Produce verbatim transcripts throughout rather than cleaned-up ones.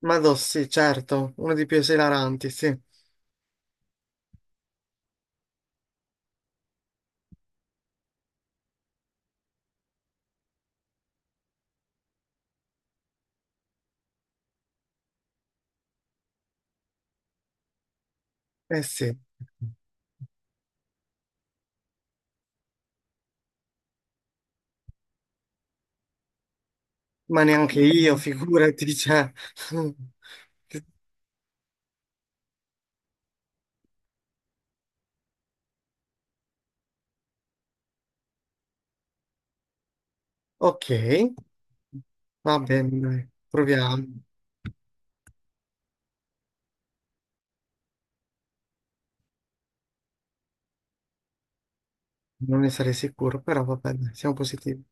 Ma do, sì, certo, uno dei più esilaranti, sì. Eh sì, ma neanche io, figurati, cioè. Ok, va bene, dai, proviamo. Non ne sarei sicuro, però va bene, siamo positivi.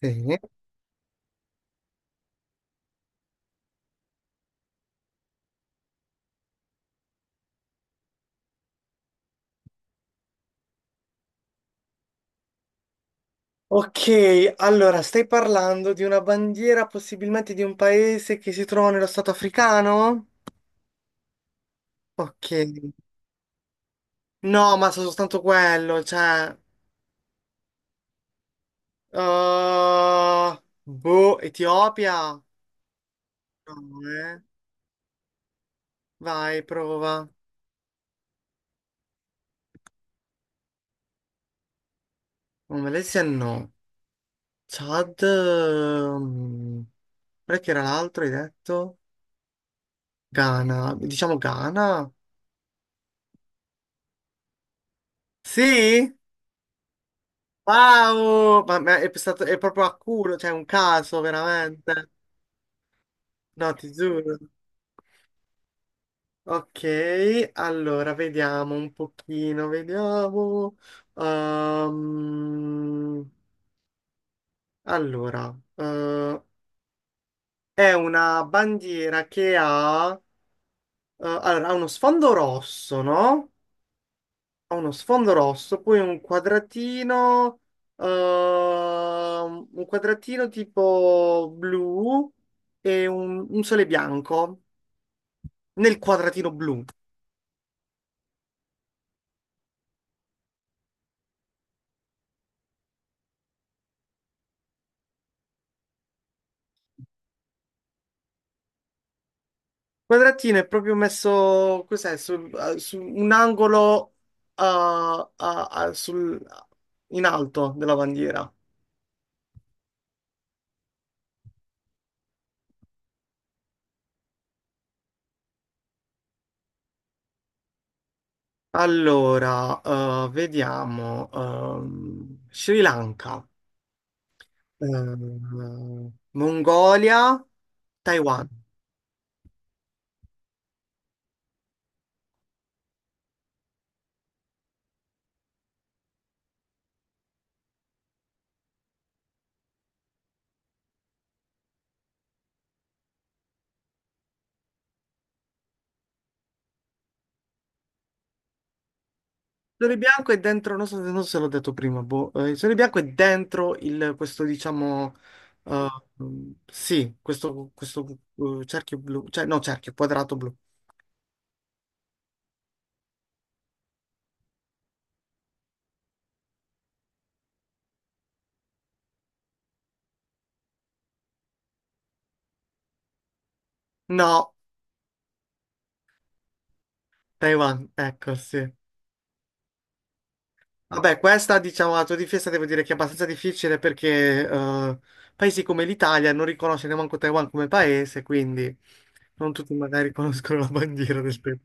Sì. Ok, allora, stai parlando di una bandiera, possibilmente di un paese che si trova nello stato africano? Ok. No, ma so soltanto quello, cioè... uh, boh, Etiopia? No, eh. Vai, prova. Oh, Malesia no. Chad, mm, qual è che era l'altro, hai detto? Ghana, diciamo Ghana? Sì? Wow! Ma ma è, stato, è proprio a culo, cioè un caso veramente. No, ti giuro. Ok, allora vediamo un pochino, vediamo. Ehm, allora, eh, è una bandiera che ha, eh, allora, ha uno sfondo rosso, no? Ha uno sfondo rosso, poi un quadratino, ehm, un quadratino tipo blu e un, un sole bianco nel quadratino blu. Il quadratino è proprio messo, cos'è, su, eh, su un angolo eh, a- a- sul- in alto della bandiera. Allora, eh, vediamo, ehm, Sri Lanka, ehm, Mongolia, Taiwan. Sole Bianco è dentro, non so, non so se l'ho detto prima, boh. Eh, il Sole Bianco è dentro il- questo, diciamo, eh, mm, sì, questo, questo eh, cerchio blu, cioè no, cerchio, quadrato blu. No, Taiwan, ecco, sì. Vabbè, questa, diciamo, a tua difesa devo dire che è abbastanza difficile perché eh, paesi come l'Italia non riconosce neanche Taiwan come paese, quindi non tutti magari conoscono la bandiera del Taiwan.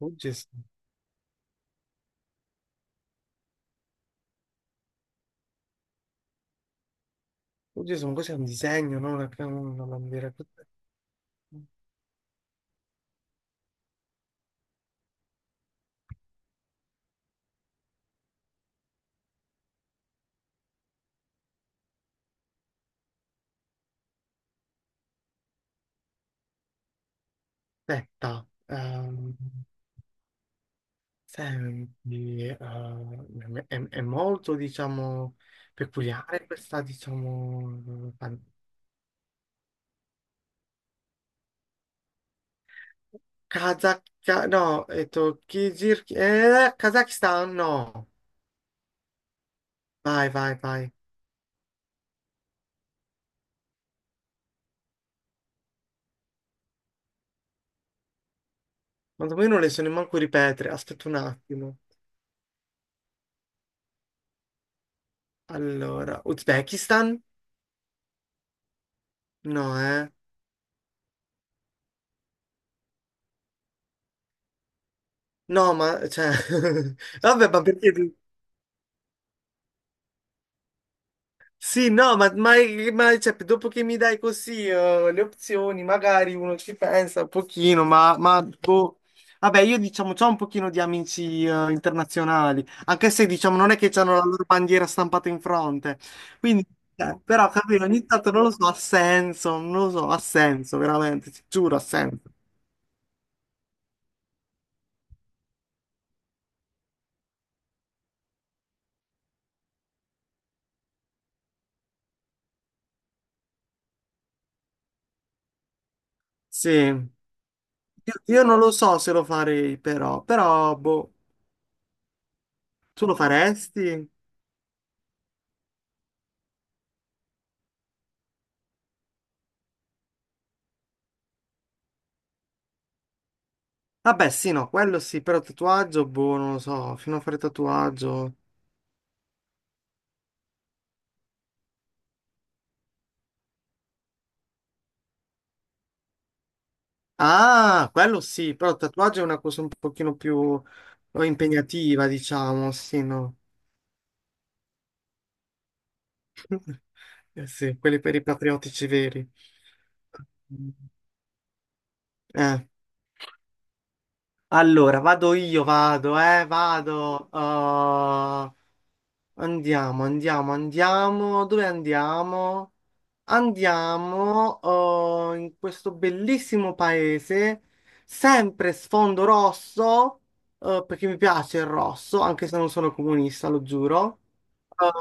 Oh Gesù, oh Gesù, ma cos'è un disegno, non una, una bandiera? Cos'è? Aspetta, ehm, senti, eh, è, è molto, diciamo, peculiare questa, diciamo, pan- Kazakh, no, è Kirghizir, eh, Kazakistan, no. Vai, vai, vai. Ma io non le so nemmeno ripetere, aspetta un attimo. Allora, Uzbekistan? No, eh. No, ma, cioè, vabbè, ma perché? Sì, no, ma, ma- ma, cioè, dopo che mi dai così eh, le opzioni, magari uno ci pensa un pochino, ma, ma, boh. Vabbè, io diciamo, c'ho un pochino di amici eh, internazionali, anche se diciamo non è che hanno la loro bandiera stampata in fronte. Quindi, eh, però, capito, ogni tanto non lo so, ha senso, non lo so, ha senso, veramente, ti giuro, ha senso. Sì, io, io non lo so se lo farei, però, però, boh, tu lo faresti? Vabbè, sì, no, quello sì, però tatuaggio, boh, non lo so, fino a fare tatuaggio. Ah, quello sì, però tatuaggio è una cosa un pochino più eh, impegnativa, diciamo, sì, no. Eh sì, quelli per i patriottici veri. Eh. Allora, vado io, vado, eh, vado. Uh, andiamo, andiamo, andiamo. Dove andiamo? Andiamo uh, in questo bellissimo paese, sempre sfondo rosso, uh, perché mi piace il rosso, anche se non sono comunista, lo giuro.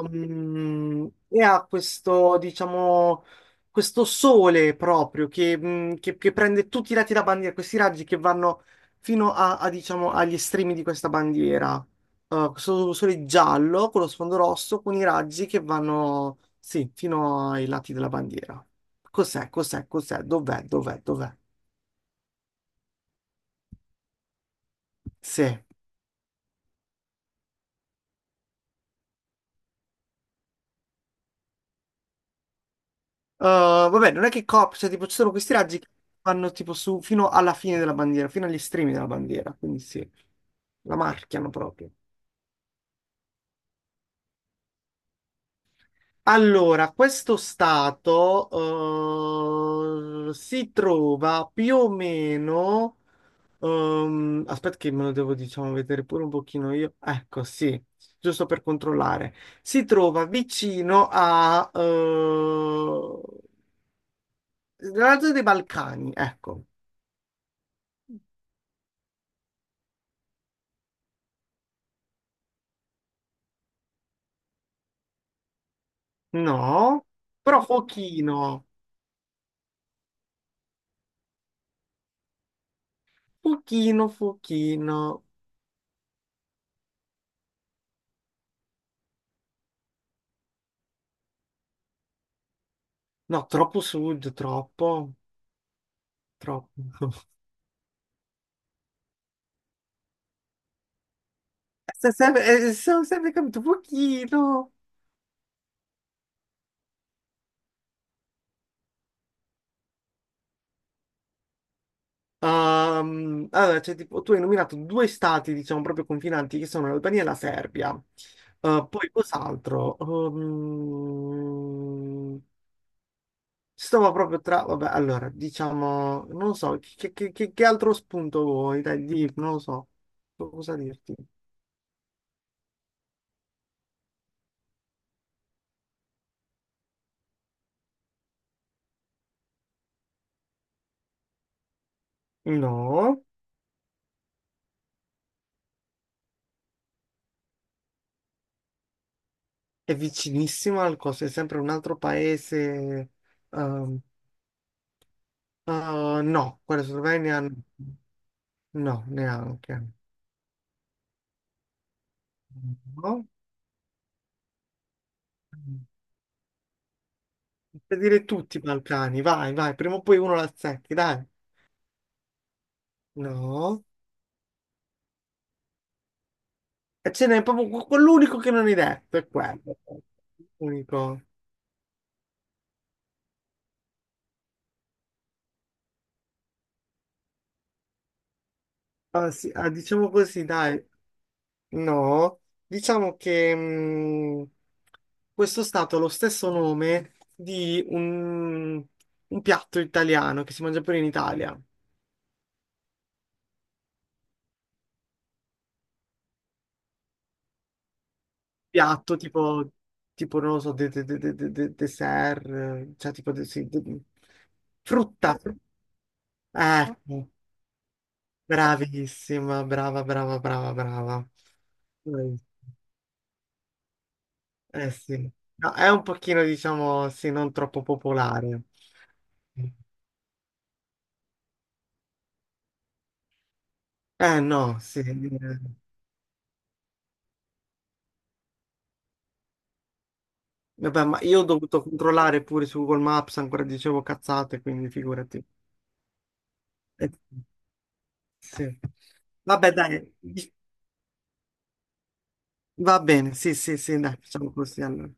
Um, e ha questo, diciamo, questo sole proprio che, mh, che- che prende tutti i lati da bandiera, questi raggi che vanno fino a, a, diciamo, agli estremi di questa bandiera. Uh, questo sole giallo con lo sfondo rosso con i raggi che vanno, sì, fino ai lati della bandiera. Cos'è, cos'è, cos'è, dov'è, dov'è, dov'è? Sì. Uh, vabbè, non è che copre, cioè tipo ci sono questi raggi che vanno tipo su fino alla fine della bandiera, fino agli estremi della bandiera, quindi sì, la marchiano proprio. Allora, questo stato eh, si trova più o meno Ehm, aspetta che me lo devo, diciamo, vedere pure un pochino io. Ecco, sì, giusto per controllare. Si trova vicino a... eh, la zona dei Balcani, ecco. No, però pochino, pochino, pochino. No, troppo sud, troppo, troppo. Se- se- eh, se- Ho sempre capito, pochino. Ehm, allora, cioè, tipo, tu hai nominato due stati, diciamo, proprio confinanti, che sono l'Albania e la Serbia. Eh, poi cos'altro? Ehm, stavo proprio tra... Vabbè, allora, diciamo, non lo so, che, che- che- che altro spunto vuoi? Dai, di, non lo so, cosa dirti? No, è vicinissimo al coso, è sempre un altro paese. ehm, eh, no, quella Slovenia no, neanche. No. Per dire tutti i Balcani, vai, vai, prima o poi uno la azzetti, dai. No. E ce n'è proprio que- quell'unico che non hai detto, è quello. Unico. Ah, sì, ah, diciamo così, dai. No. Diciamo che mh, questo stato ha lo stesso nome di un, un piatto italiano che si mangia pure in Italia. Piatto tipo, tipo non lo so, de, de, de- de- de- de- dessert, eh, cioè tipo, de- sì, de- frutta. Ecco. Bravissima, brava, brava, brava, brava. Eh eh sì, no, è un pochino, diciamo, sì, non troppo popolare. Eh no, sì. Eh. Vabbè, ma io ho dovuto controllare pure su Google Maps, ancora dicevo cazzate, quindi figurati. Eh, sì. Vabbè, dai, va bene, sì, sì, sì, dai, facciamo così allora.